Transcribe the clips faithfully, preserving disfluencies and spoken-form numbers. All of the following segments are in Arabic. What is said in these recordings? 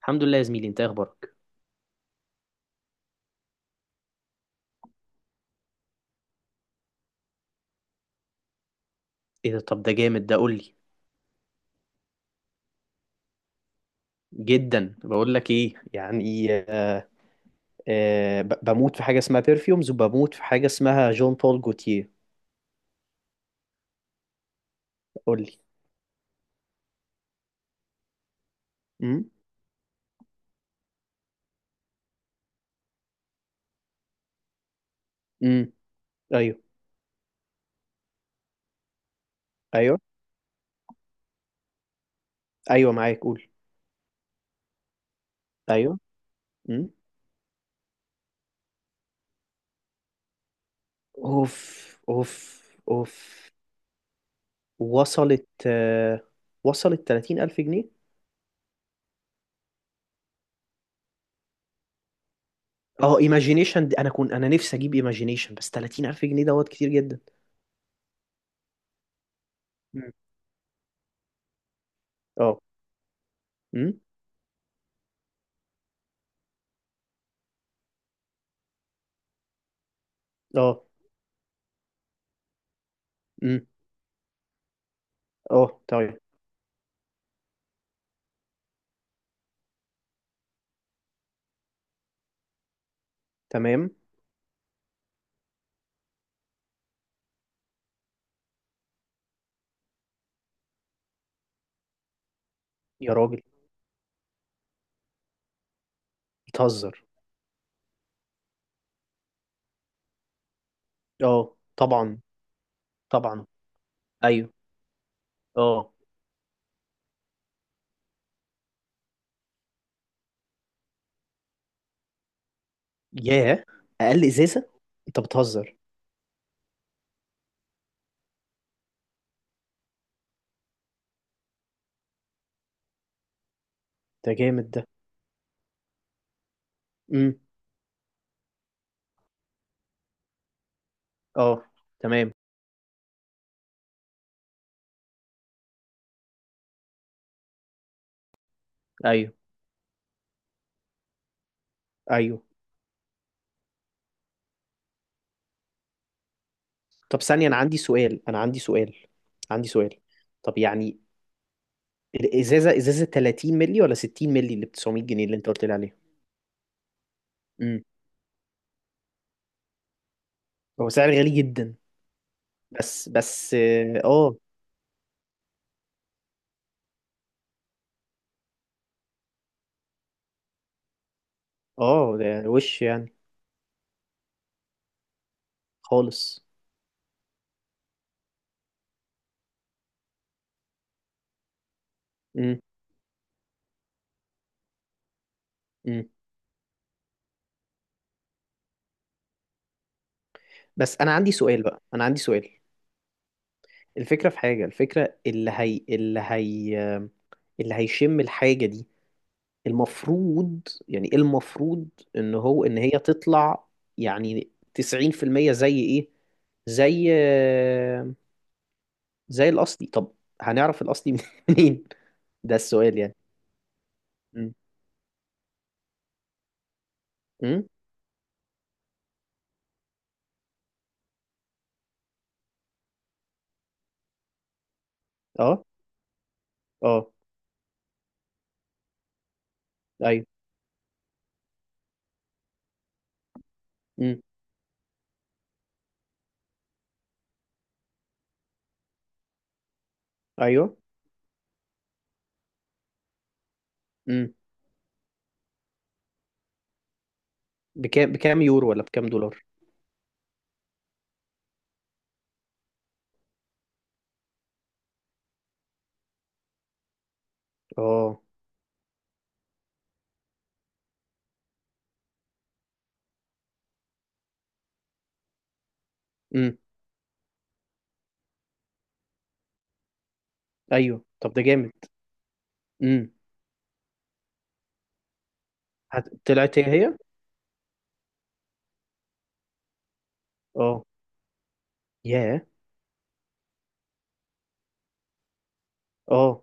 الحمد لله يا زميلي، انت ايه اخبارك؟ ايه ده؟ طب ده جامد، ده قول لي. جدا، بقول لك ايه يعني؟ آه، آه، ب- بموت في حاجه اسمها بيرفيومز، وبموت في حاجه اسمها جون بول جوتيه. قول لي. امم. امم. ايوه. ايوه. ايوه معاك، قول. ايوه. امم. اوف. اوف. اوف. وصلت؟ آه، وصلت تلاتين الف جنيه. اه، ايماجينيشن دي انا كنت، انا نفسي اجيب ايماجينيشن، بس تلاتين الف جنيه دوت كتير جدا. مم. اه. امم. اه. امم. اه. طيب. تمام. يا راجل، بتهزر. اه طبعا. طبعا. ايوه. اه. ياه. اقل ازازه؟ انت بتهزر. ده جامد ده. امم. اه. تمام. ايوه. ايوه. طب ثانيه، انا عندي سؤال، انا عندي سؤال. عندي سؤال، طب يعني الازازه، ازازه تلاتين مللي ولا ستين مللي اللي ب تسعمية جنيه اللي انت قلت لي عليها؟ امم. هو سعر غالي جدا. بس بس. اه. اه ده وش يعني؟ خالص. امم. امم. بس انا عندي سؤال بقى، انا عندي سؤال. الفكرة في حاجة، الفكرة اللي هي اللي هي اللي هيشم الحاجة دي، المفروض، يعني إيه المفروض ان هو، ان هي تطلع يعني تسعين في المية زي ايه؟ زي، زي الاصلي. طب هنعرف الاصلي منين؟ ده السؤال يعني. امم. امم. اه. اه. ايوه. امم. ايوه. امم. بكام، بكام يورو ولا بكام دولار؟ اه. امم. ايوه. طب ده جامد. امم. هت- طلعت هي هي. اه. ياه. اه.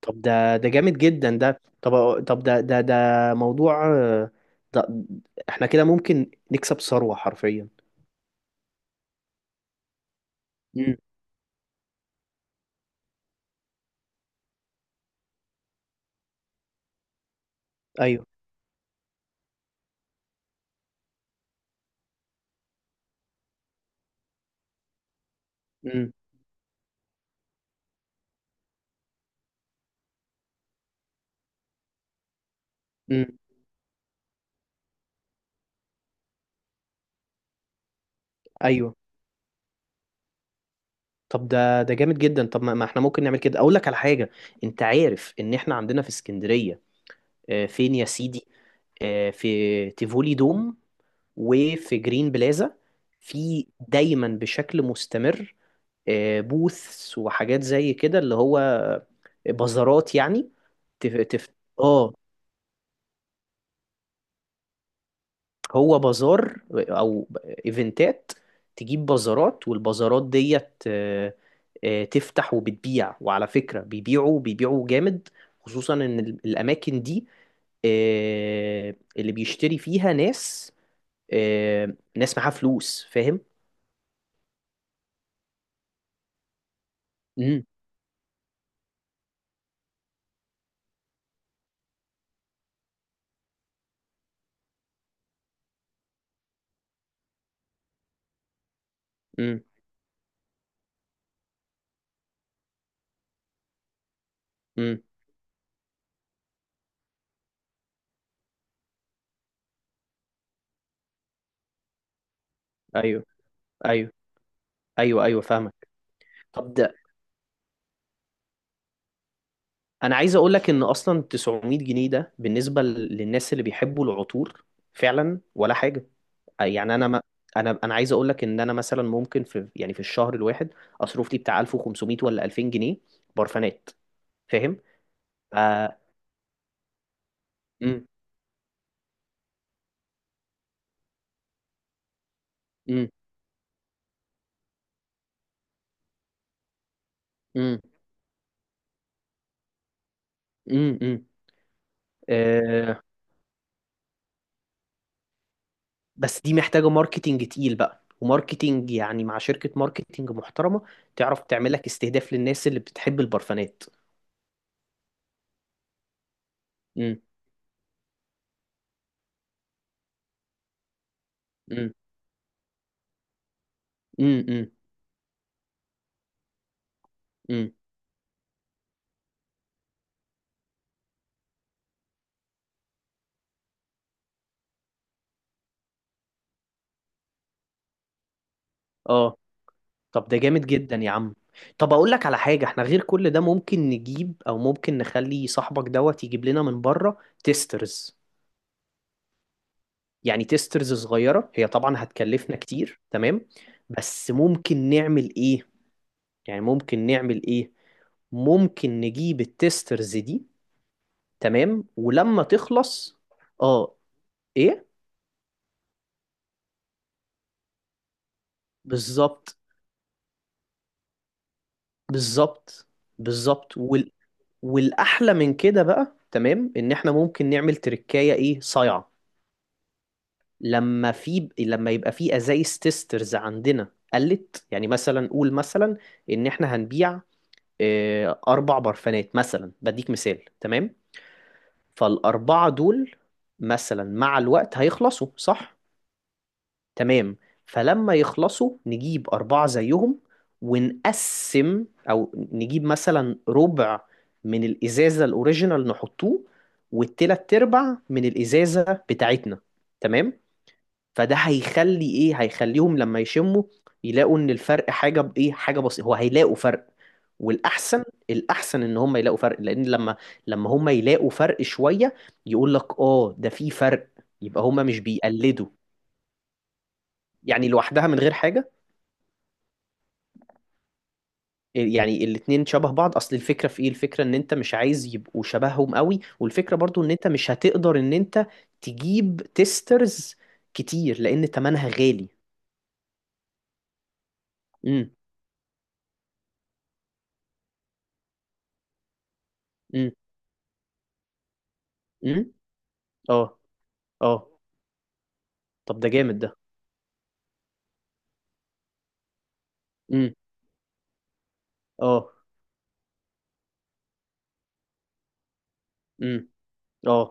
طب ده، ده جامد جدا ده. طب طب ده ده ده موضوع، آه، ده احنا كده ممكن نكسب ثروة حرفيا. امم. ايوه. امم. امم. ايوه. طب ده، ده جامد جدا. طب ما ما احنا ممكن نعمل كده. اقول لك على حاجة، انت عارف ان احنا عندنا في اسكندرية، آه، فين يا سيدي، آه، في تيفولي دوم، وفي جرين بلازا، في دايما بشكل مستمر، آه، بوثس وحاجات زي كده، اللي هو بازارات يعني. تف... تف... اه، هو بازار او ايفنتات، تجيب بازارات، والبازارات ديت، آه، آه، تفتح وبتبيع. وعلى فكرة بيبيعوا، بيبيعوا جامد، خصوصا ان ال- الاماكن دي، آه، اللي بيشتري فيها ناس، آه، ناس معاها فلوس، فاهم؟ امم. امم. امم. ايوه. ايوه. ايوه. ايوه فاهمك. طب ده، انا عايز اقول لك ان اصلا تسعمائة جنيه ده بالنسبه للناس اللي بيحبوا العطور فعلا ولا حاجه. يعني انا ما، انا انا عايز اقول لك ان انا مثلا ممكن في، يعني في الشهر الواحد اصرف لي بتاع ألف وخمسمائة ولا الفين جنيه برفانات، فاهم؟ آه. امم. امم. امم. امم. آه. بس دي محتاجه ماركتينج تقيل بقى، وماركتينج يعني مع شركه ماركتينج محترمه تعرف تعمل لك استهداف للناس اللي بتحب البرفانات. امم. امم. امم. امم. طب ده جامد جدا يا عم. طب اقول لك على حاجة، احنا غير كل ده ممكن نجيب، او ممكن نخلي صاحبك دوت يجيب لنا من بره تيسترز. يعني تيسترز صغيرة، هي طبعا هتكلفنا كتير، تمام، بس ممكن نعمل ايه؟ يعني ممكن نعمل ايه؟ ممكن نجيب التيسترز دي، تمام، ولما تخلص. اه. ايه. بالظبط. بالظبط. بالظبط. وال... والاحلى من كده بقى، تمام، ان احنا ممكن نعمل تركاية ايه صايعة. لما في، لما يبقى في ازايز تيسترز عندنا، قلت يعني مثلا، قول مثلا ان احنا هنبيع، آه، اربع برفانات مثلا، بديك مثال، تمام. فالاربعه دول مثلا مع الوقت هيخلصوا، صح؟ تمام. فلما يخلصوا نجيب اربعه زيهم، ونقسم، او نجيب مثلا ربع من الازازه الاوريجينال نحطوه، والتلات ارباع من الازازه بتاعتنا، تمام. فده هيخلي ايه، هيخليهم لما يشموا يلاقوا ان الفرق حاجه بايه، حاجه بسيطه. هو هيلاقوا فرق، والاحسن، الاحسن ان هم يلاقوا فرق، لان لما، لما هم يلاقوا فرق شويه، يقول لك اه ده في فرق، يبقى هم مش بيقلدوا. يعني لوحدها من غير حاجه، يعني الاتنين شبه بعض. اصل الفكره في ايه؟ الفكره ان انت مش عايز يبقوا شبههم قوي. والفكره برضو ان انت مش هتقدر ان انت تجيب تيسترز كتير لان تمنها غالي. امم. امم. امم. اه. اه. طب ده جامد ده. امم. اه. امم. اه.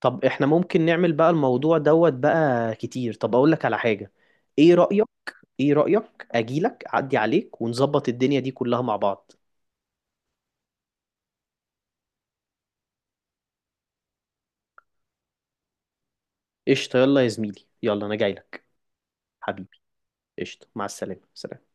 طب احنا ممكن نعمل بقى الموضوع دوت بقى كتير. طب اقول لك على حاجة، ايه رأيك، ايه رأيك اجيلك اعدي عليك ونظبط الدنيا دي كلها مع بعض؟ قشطة، يلا يا زميلي، يلا انا جايلك. حبيبي، قشطة، مع السلامة، سلام.